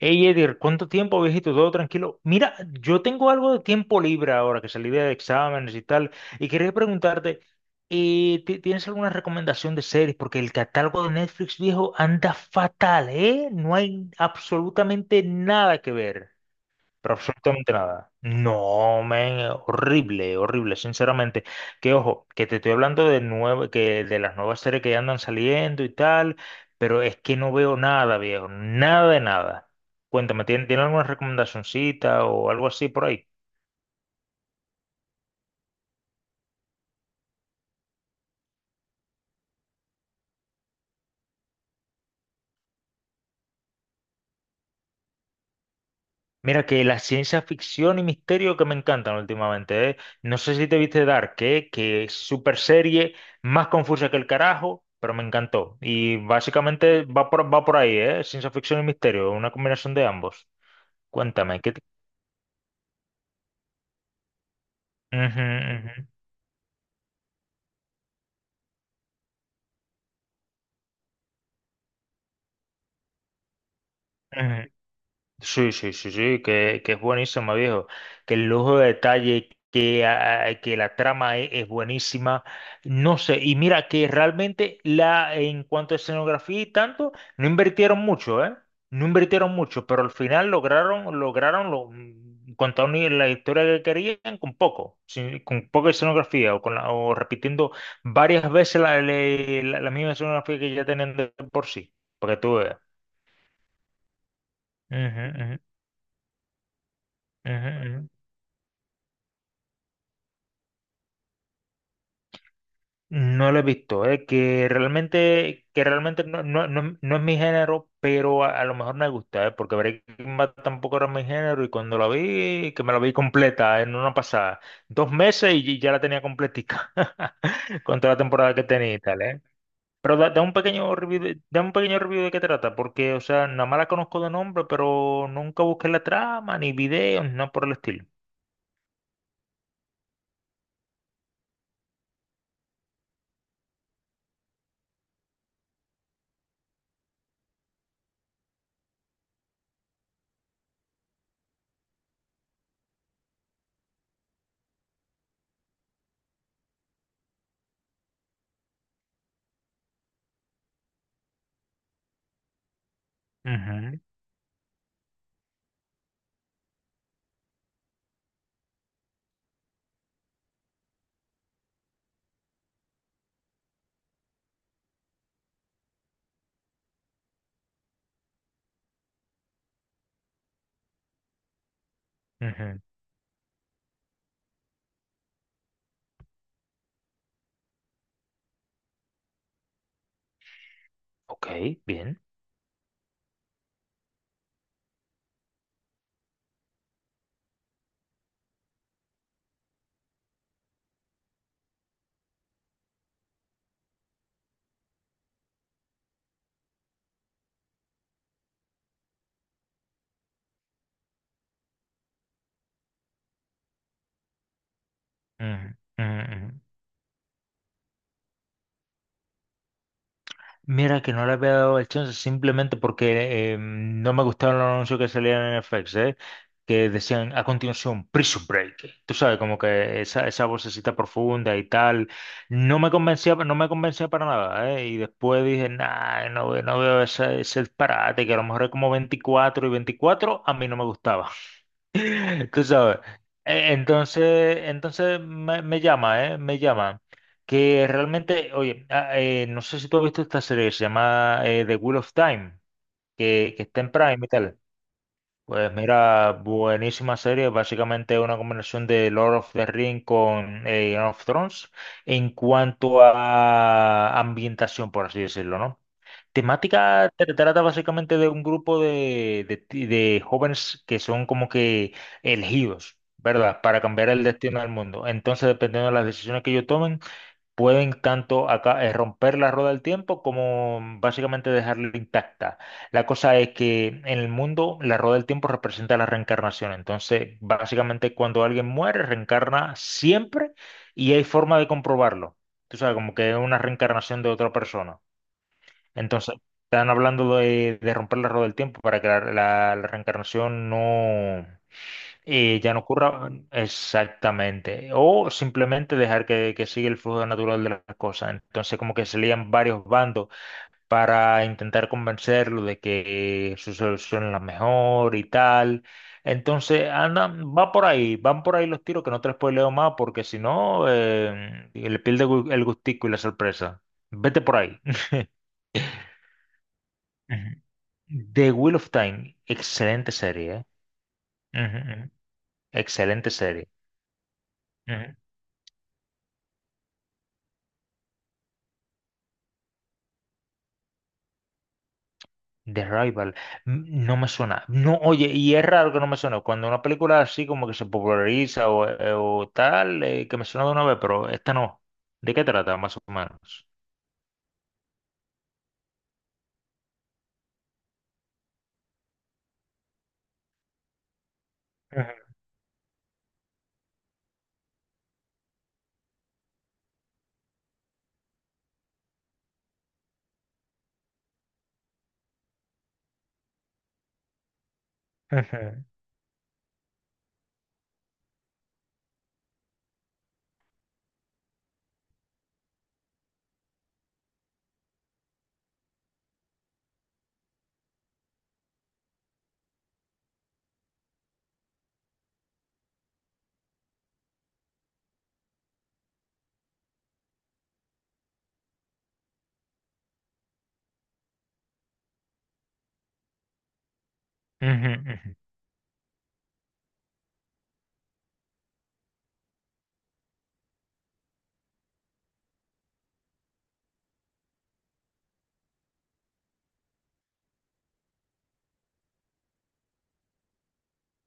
Hey Edir, ¿cuánto tiempo, viejito? Todo tranquilo. Mira, yo tengo algo de tiempo libre ahora que salí de exámenes y tal, y quería preguntarte, ¿tienes alguna recomendación de series? Porque el catálogo de Netflix viejo anda fatal, ¿eh? No hay absolutamente nada que ver. Pero absolutamente nada. No, men, horrible, horrible, sinceramente. Que ojo, que te estoy hablando de nuevo, que de las nuevas series que ya andan saliendo y tal, pero es que no veo nada, viejo, nada de nada. Cuéntame, ¿tiene, alguna recomendacioncita o algo así por ahí? Mira que la ciencia ficción y misterio que me encantan últimamente, ¿eh? No sé si te viste Dark, ¿eh? Que es super serie, más confusa que el carajo, pero me encantó. Y básicamente va por ahí, ¿eh? Ciencia ficción y misterio, una combinación de ambos. Cuéntame, ¿qué te? Ujú, ujú, ujú. Sí, sí, sí, sí, que es buenísima, viejo. Que el lujo de detalle, que la trama es buenísima. No sé, y mira que realmente en cuanto a escenografía y tanto, no invirtieron mucho, ¿eh? No invirtieron mucho, pero al final lograron contar la historia que querían con poco, con poca escenografía o, o repitiendo varias veces la misma escenografía que ya tenían de por sí, para que tú veas. Ujú, ujú, ujú, ujú. No lo he visto, que realmente no es mi género, pero a lo mejor me gusta, porque Breaking Bad tampoco era mi género y cuando la vi, que me la vi completa en una pasada, dos meses y ya la tenía completica, con toda la temporada que tenía y tal. Pero da un pequeño review de qué trata, porque, o sea, nada más la conozco de nombre, pero nunca busqué la trama, ni videos, ni nada por el estilo. Ujú, ujú. Ok, bien. Ujú, ujú, ujú. Mira que no le había dado el chance simplemente porque no me gustaron los anuncios que salían en FX, ¿eh? Que decían a continuación Prison Break. Tú sabes, como que esa vocecita profunda y tal. No me convencía, no me convencía para nada, ¿eh? Y después dije, nah, no, no veo ese disparate, que a lo mejor es como 24 y 24 a mí no me gustaba. Tú sabes. Entonces me llama, ¿eh? Me llama. Que realmente, oye, no sé si tú has visto esta serie, que se llama The Wheel of Time, que está en Prime y tal. Pues mira, buenísima serie, básicamente una combinación de Lord of the Ring con Game of Thrones en cuanto a ambientación, por así decirlo, ¿no? Temática trata básicamente de un grupo de jóvenes que son como que elegidos, ¿verdad? Para cambiar el destino del mundo. Entonces, dependiendo de las decisiones que ellos tomen, pueden tanto acá, romper la rueda del tiempo como básicamente dejarla intacta. La cosa es que en el mundo la rueda del tiempo representa la reencarnación. Entonces, básicamente cuando alguien muere, reencarna siempre y hay forma de comprobarlo. Tú sabes, como que es una reencarnación de otra persona. Entonces, están hablando de romper la rueda del tiempo para que la reencarnación ya no ocurra exactamente. O simplemente dejar que siga el flujo natural de las cosas. Entonces, como que se lían varios bandos para intentar convencerlo de que su solución es la mejor y tal. Entonces, va por ahí, van por ahí los tiros que no te los spoileo más porque si no, le pierde el gustico y la sorpresa. Vete por ahí. Ujú. The Wheel of Time, excelente serie, ¿eh? Ujú, ujú. Excelente serie. Ujú. The Rival, no me suena. No, oye, y es raro que no me suene. Cuando una película así como que se populariza o tal, que me suena de una vez, pero esta no. ¿De qué trata, más o menos? Ujú, ujú, ujú, ujú.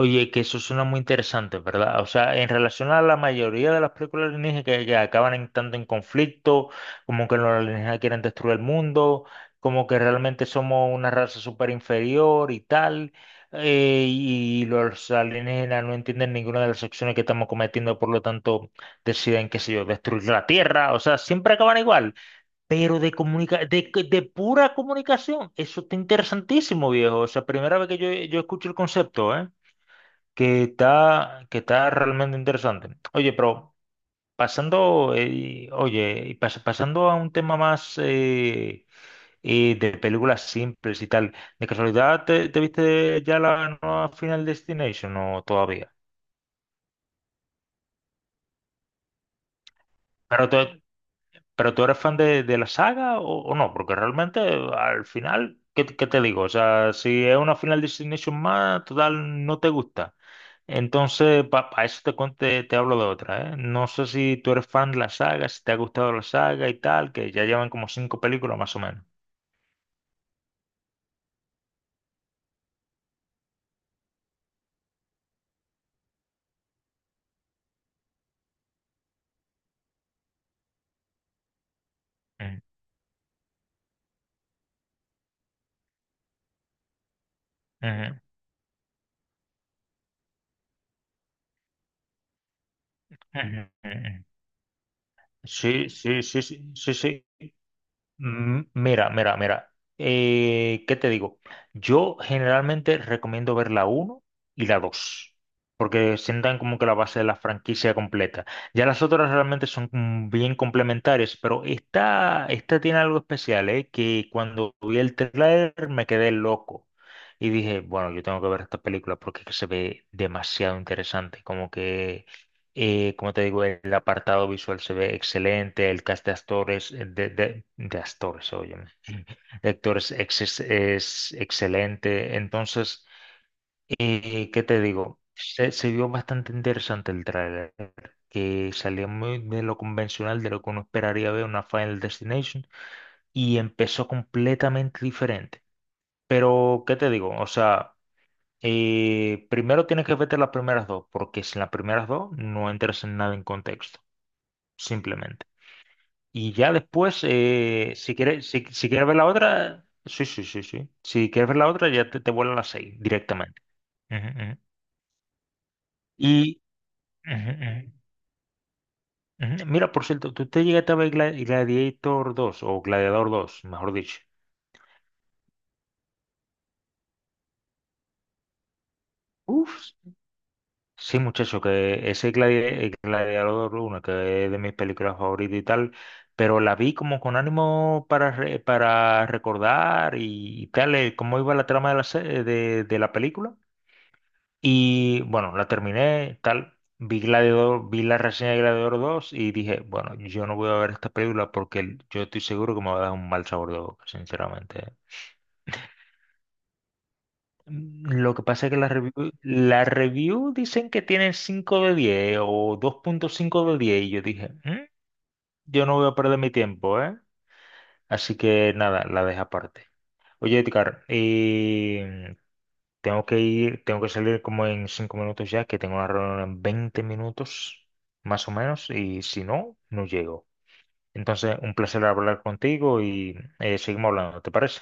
Oye, que eso suena muy interesante, ¿verdad? O sea, en relación a la mayoría de las películas alienígenas que acaban tanto en conflicto, como que los alienígenas quieren destruir el mundo, como que realmente somos una raza súper inferior y tal, y los alienígenas no entienden ninguna de las acciones que estamos cometiendo, por lo tanto deciden, qué sé yo, destruir la Tierra, o sea, siempre acaban igual, pero de pura comunicación, eso está interesantísimo, viejo, o sea, primera vez que yo escucho el concepto, ¿eh? Que está realmente interesante. Oye, pero pasando, oye, y pas- pasando a un tema más, de películas simples y tal, ¿de casualidad te viste ya la nueva Final Destination o todavía? Pero to- ¿Pero tú eres fan de la saga o no? Porque realmente al final, ¿qué te digo? O sea, si es una Final Destination más, total, no te gusta. Entonces, para eso te hablo de otra, ¿eh? No sé si tú eres fan de la saga, si te ha gustado la saga y tal, que ya llevan como cinco películas más o menos. Mm, ujú, ujú, ujú. Sí, sí, sí, sí, sí, sí. Mira, mira, mira. ¿Qué te digo? Yo generalmente recomiendo ver la uno y la 2, porque sientan como que la base de la franquicia completa. Ya las otras realmente son bien complementarias, pero esta tiene algo especial, ¿eh? Que cuando vi el trailer me quedé loco y dije, bueno, yo tengo que ver esta película porque es que se ve demasiado interesante, como que como te digo, el apartado visual se ve excelente, el cast de actores, óyeme, es excelente. Entonces, ¿qué te digo? Se vio bastante interesante el tráiler, que salió muy de lo convencional, de lo que uno esperaría ver una Final Destination, y empezó completamente diferente. Pero, ¿qué te digo? O sea, primero tienes que verte las primeras dos, porque sin las primeras dos no entras en nada en contexto simplemente. Y ya después, si quieres, si quieres ver la otra, sí, sí, sí, sí. Si quieres ver la otra, ya te vuelan las seis directamente. Ujú, ujú. Y ujú, ujú, ujú. Mira, por cierto, ¿tú te llegaste a ver Gladiator 2 o Gladiador dos mejor dicho? Uf, sí, muchacho, que el Gladiador uno que es de mis películas favoritas y tal, pero la vi como con ánimo para, para recordar y tal, cómo iba la trama de de la película. Y bueno, la terminé, tal, vi Gladiador, vi la reseña de Gladiador dos y dije, bueno, yo no voy a ver esta película porque yo estoy seguro que me va a dar un mal sabor de boca, sinceramente. Lo que pasa es que la review dicen que tienen 5 de 10 o 2.5 de 10 y yo dije, yo no voy a perder mi tiempo, ¿eh?" Así que nada, la dejo aparte. Oye, Edgar, tengo que ir, tengo que salir como en 5 minutos ya, que tengo una reunión en 20 minutos, más o menos, y si no, no llego. Entonces, un placer hablar contigo y seguimos hablando, ¿te parece?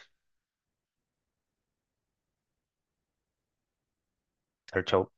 Chao, chao.